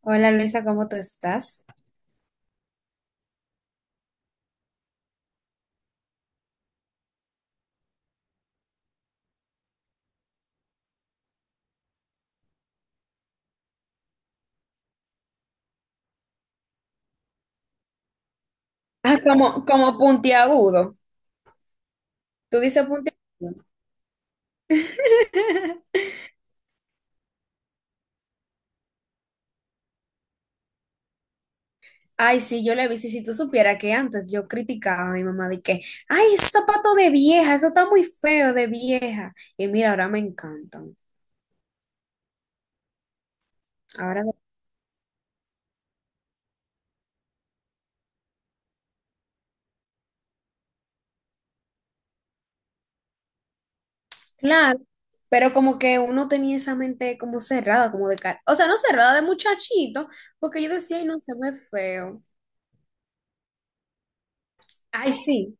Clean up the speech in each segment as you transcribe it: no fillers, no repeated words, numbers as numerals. Hola Luisa, ¿cómo tú estás? Ah, como, como puntiagudo. ¿Tú dices puntiagudo? Ay, sí, yo le vi. Si tú supieras que antes yo criticaba a mi mamá de que, ay, esos zapatos de vieja, eso está muy feo de vieja. Y mira, ahora me encantan. Ahora, claro. Pero como que uno tenía esa mente como cerrada, como de cara. O sea, no cerrada de muchachito, porque yo decía, ay, no, se ve feo. Ay, sí.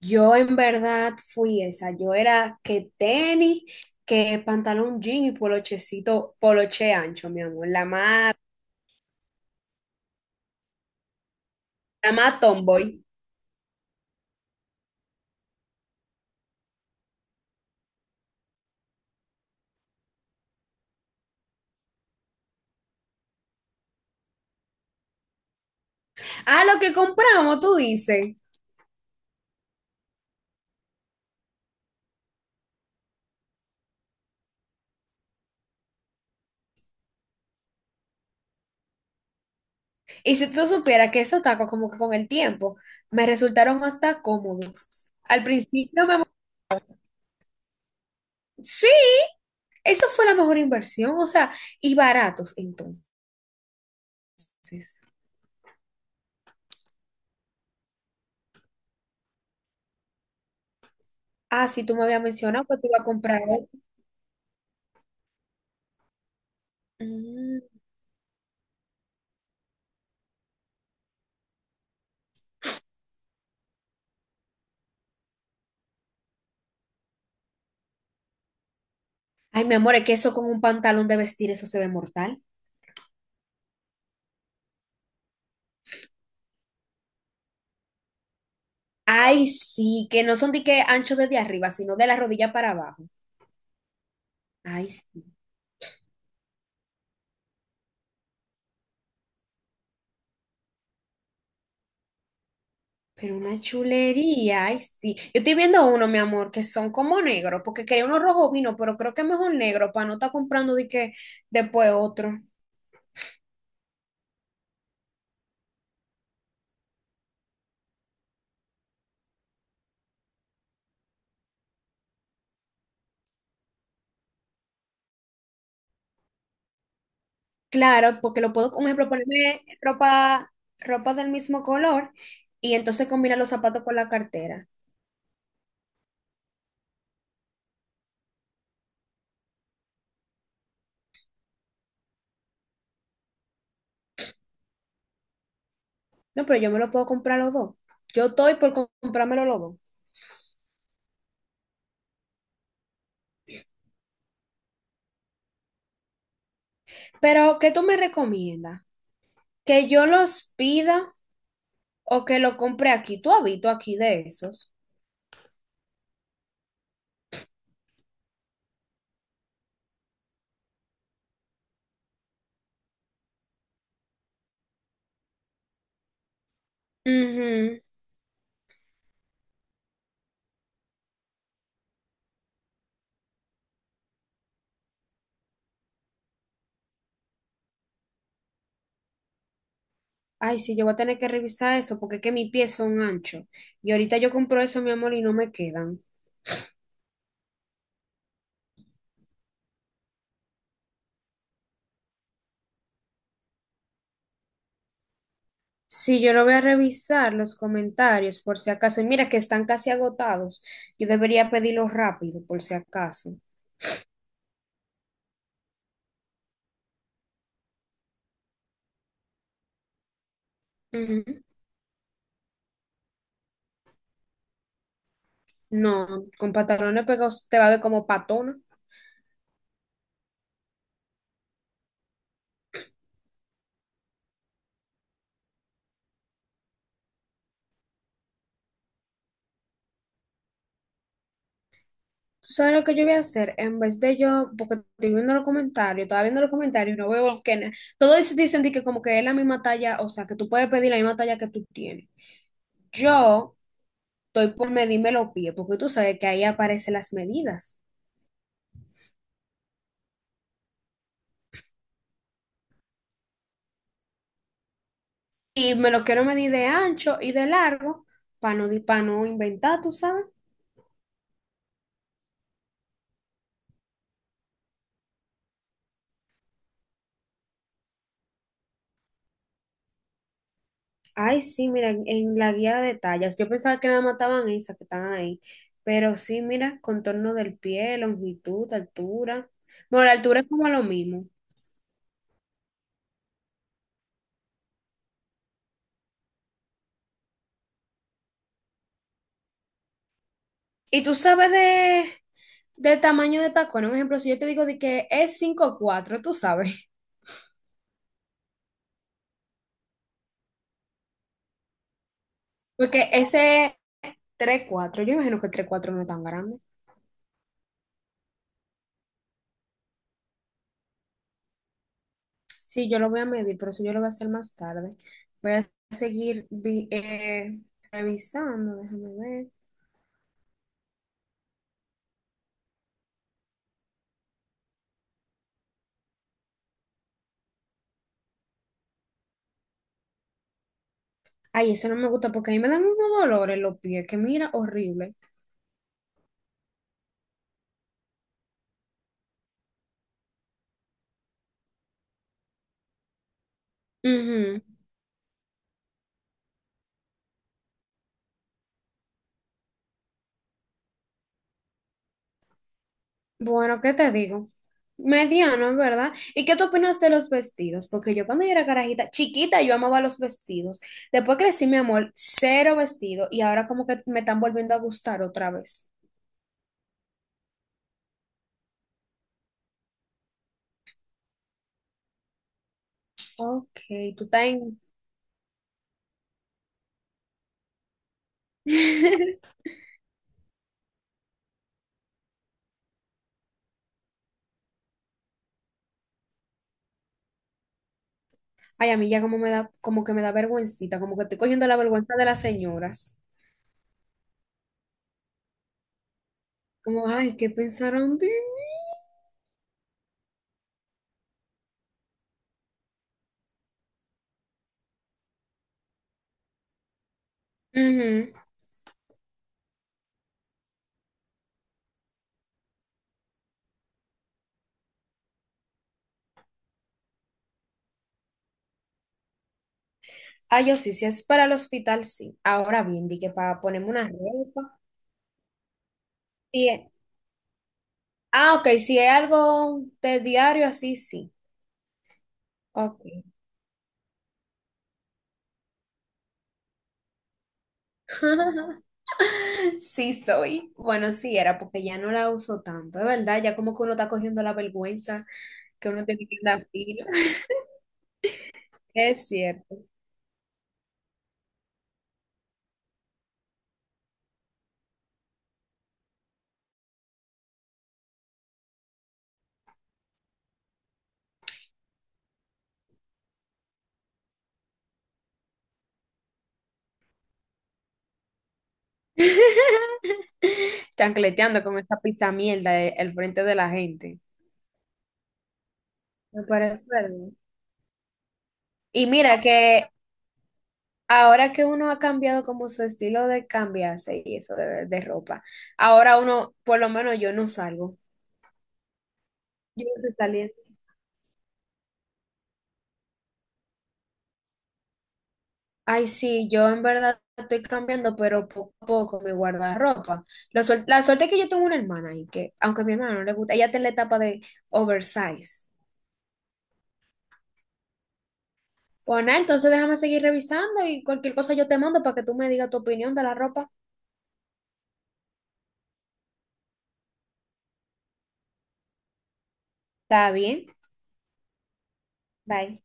Yo en verdad fui esa. Yo era que tenis, que pantalón jean y polochecito, poloche ancho, mi amor. La más tomboy. Ah, lo que compramos, tú dices. Y si tú supieras que esos tacos como que con el tiempo me resultaron hasta cómodos. Al principio me... Sí, eso fue la mejor inversión, o sea, y baratos entonces. Ah, sí, tú me habías mencionado que te iba a comprar. Mm. Ay, mi amor, es que eso con un pantalón de vestir, eso se ve mortal. Ay, sí, que no son de que ancho desde arriba, sino de la rodilla para abajo. Ay, sí. Pero una chulería, ay, sí. Yo estoy viendo uno, mi amor, que son como negros, porque quería uno rojo vino, pero creo que es mejor negro para no estar comprando de que después otro. Claro, porque lo puedo, un ejemplo, ponerme ropa, ropa del mismo color y entonces combinar los zapatos con la cartera. No, pero yo me lo puedo comprar los dos. Yo estoy por comprármelo los dos. Pero, ¿qué tú me recomiendas? ¿Que yo los pida? O que lo compre aquí. ¿Tú has visto aquí de esos? Ujú. Ay, sí, yo voy a tener que revisar eso porque es que mis pies son anchos. Y ahorita yo compro eso, mi amor, y no me quedan. Sí, yo lo voy a revisar los comentarios por si acaso. Y mira que están casi agotados. Yo debería pedirlos rápido por si acaso. Ujú. No, con pantalones pegados te va a ver como patona. ¿Tú sabes lo que yo voy a hacer? En vez de yo, porque estoy viendo los comentarios, estaba viendo los comentarios y no veo que todos dicen de que como que es la misma talla, o sea, que tú puedes pedir la misma talla que tú tienes. Yo estoy por medirme los pies, porque tú sabes que ahí aparecen las medidas. Y me lo quiero medir de ancho y de largo para no, pa' no inventar, ¿tú sabes? Ay, sí, mira, en la guía de tallas. Yo pensaba que nada más estaban esas que están ahí. Pero sí, mira, contorno del pie, longitud, altura. Bueno, la altura es como lo mismo. Y tú sabes de, del tamaño de tacón. Un ejemplo, si yo te digo de que es cinco cuatro, tú sabes. Porque ese tres cuatro, yo imagino que el tres cuatro no es tan grande. Sí, yo lo voy a medir, pero eso yo lo voy a hacer más tarde. Voy a seguir revisando, déjame ver. Ay, eso no me gusta porque a mí me dan unos dolores los pies, que mira, horrible. Ujú. Bueno, ¿qué te digo? Mediano, en verdad. ¿Y qué tú opinas de los vestidos? Porque yo cuando yo era carajita, chiquita, yo amaba los vestidos. Después crecí, mi amor, cero vestido y ahora como que me están volviendo a gustar otra vez. Ok, tú estás en... Ay, a mí ya como me da, como que me da vergüencita, como que estoy cogiendo la vergüenza de las señoras. Como, ay, ¿qué pensaron de mí? Ujú. Ah, yo sí, si es para el hospital, sí. Ahora bien, di que para ponerme una ropa. Ah, ok, si es algo de diario, así sí. Ok. Sí soy. Bueno, sí era porque ya no la uso tanto, es verdad, ya como que uno está cogiendo la vergüenza que uno tiene que andar fino. Es cierto. Chancleteando con esa pizza mierda al frente de la gente. Me parece verdad. Y mira que ahora que uno ha cambiado como su estilo de cambiarse y eso de ropa, ahora uno, por lo menos yo no salgo. Yo no estoy saliendo. Ay, sí, yo en verdad estoy cambiando, pero poco a poco mi guardarropa. La suerte es que yo tengo una hermana y que, aunque a mi hermana no le gusta, ella está en la etapa de oversize. Pues nada, entonces déjame seguir revisando y cualquier cosa yo te mando para que tú me digas tu opinión de la ropa. Está bien, bye.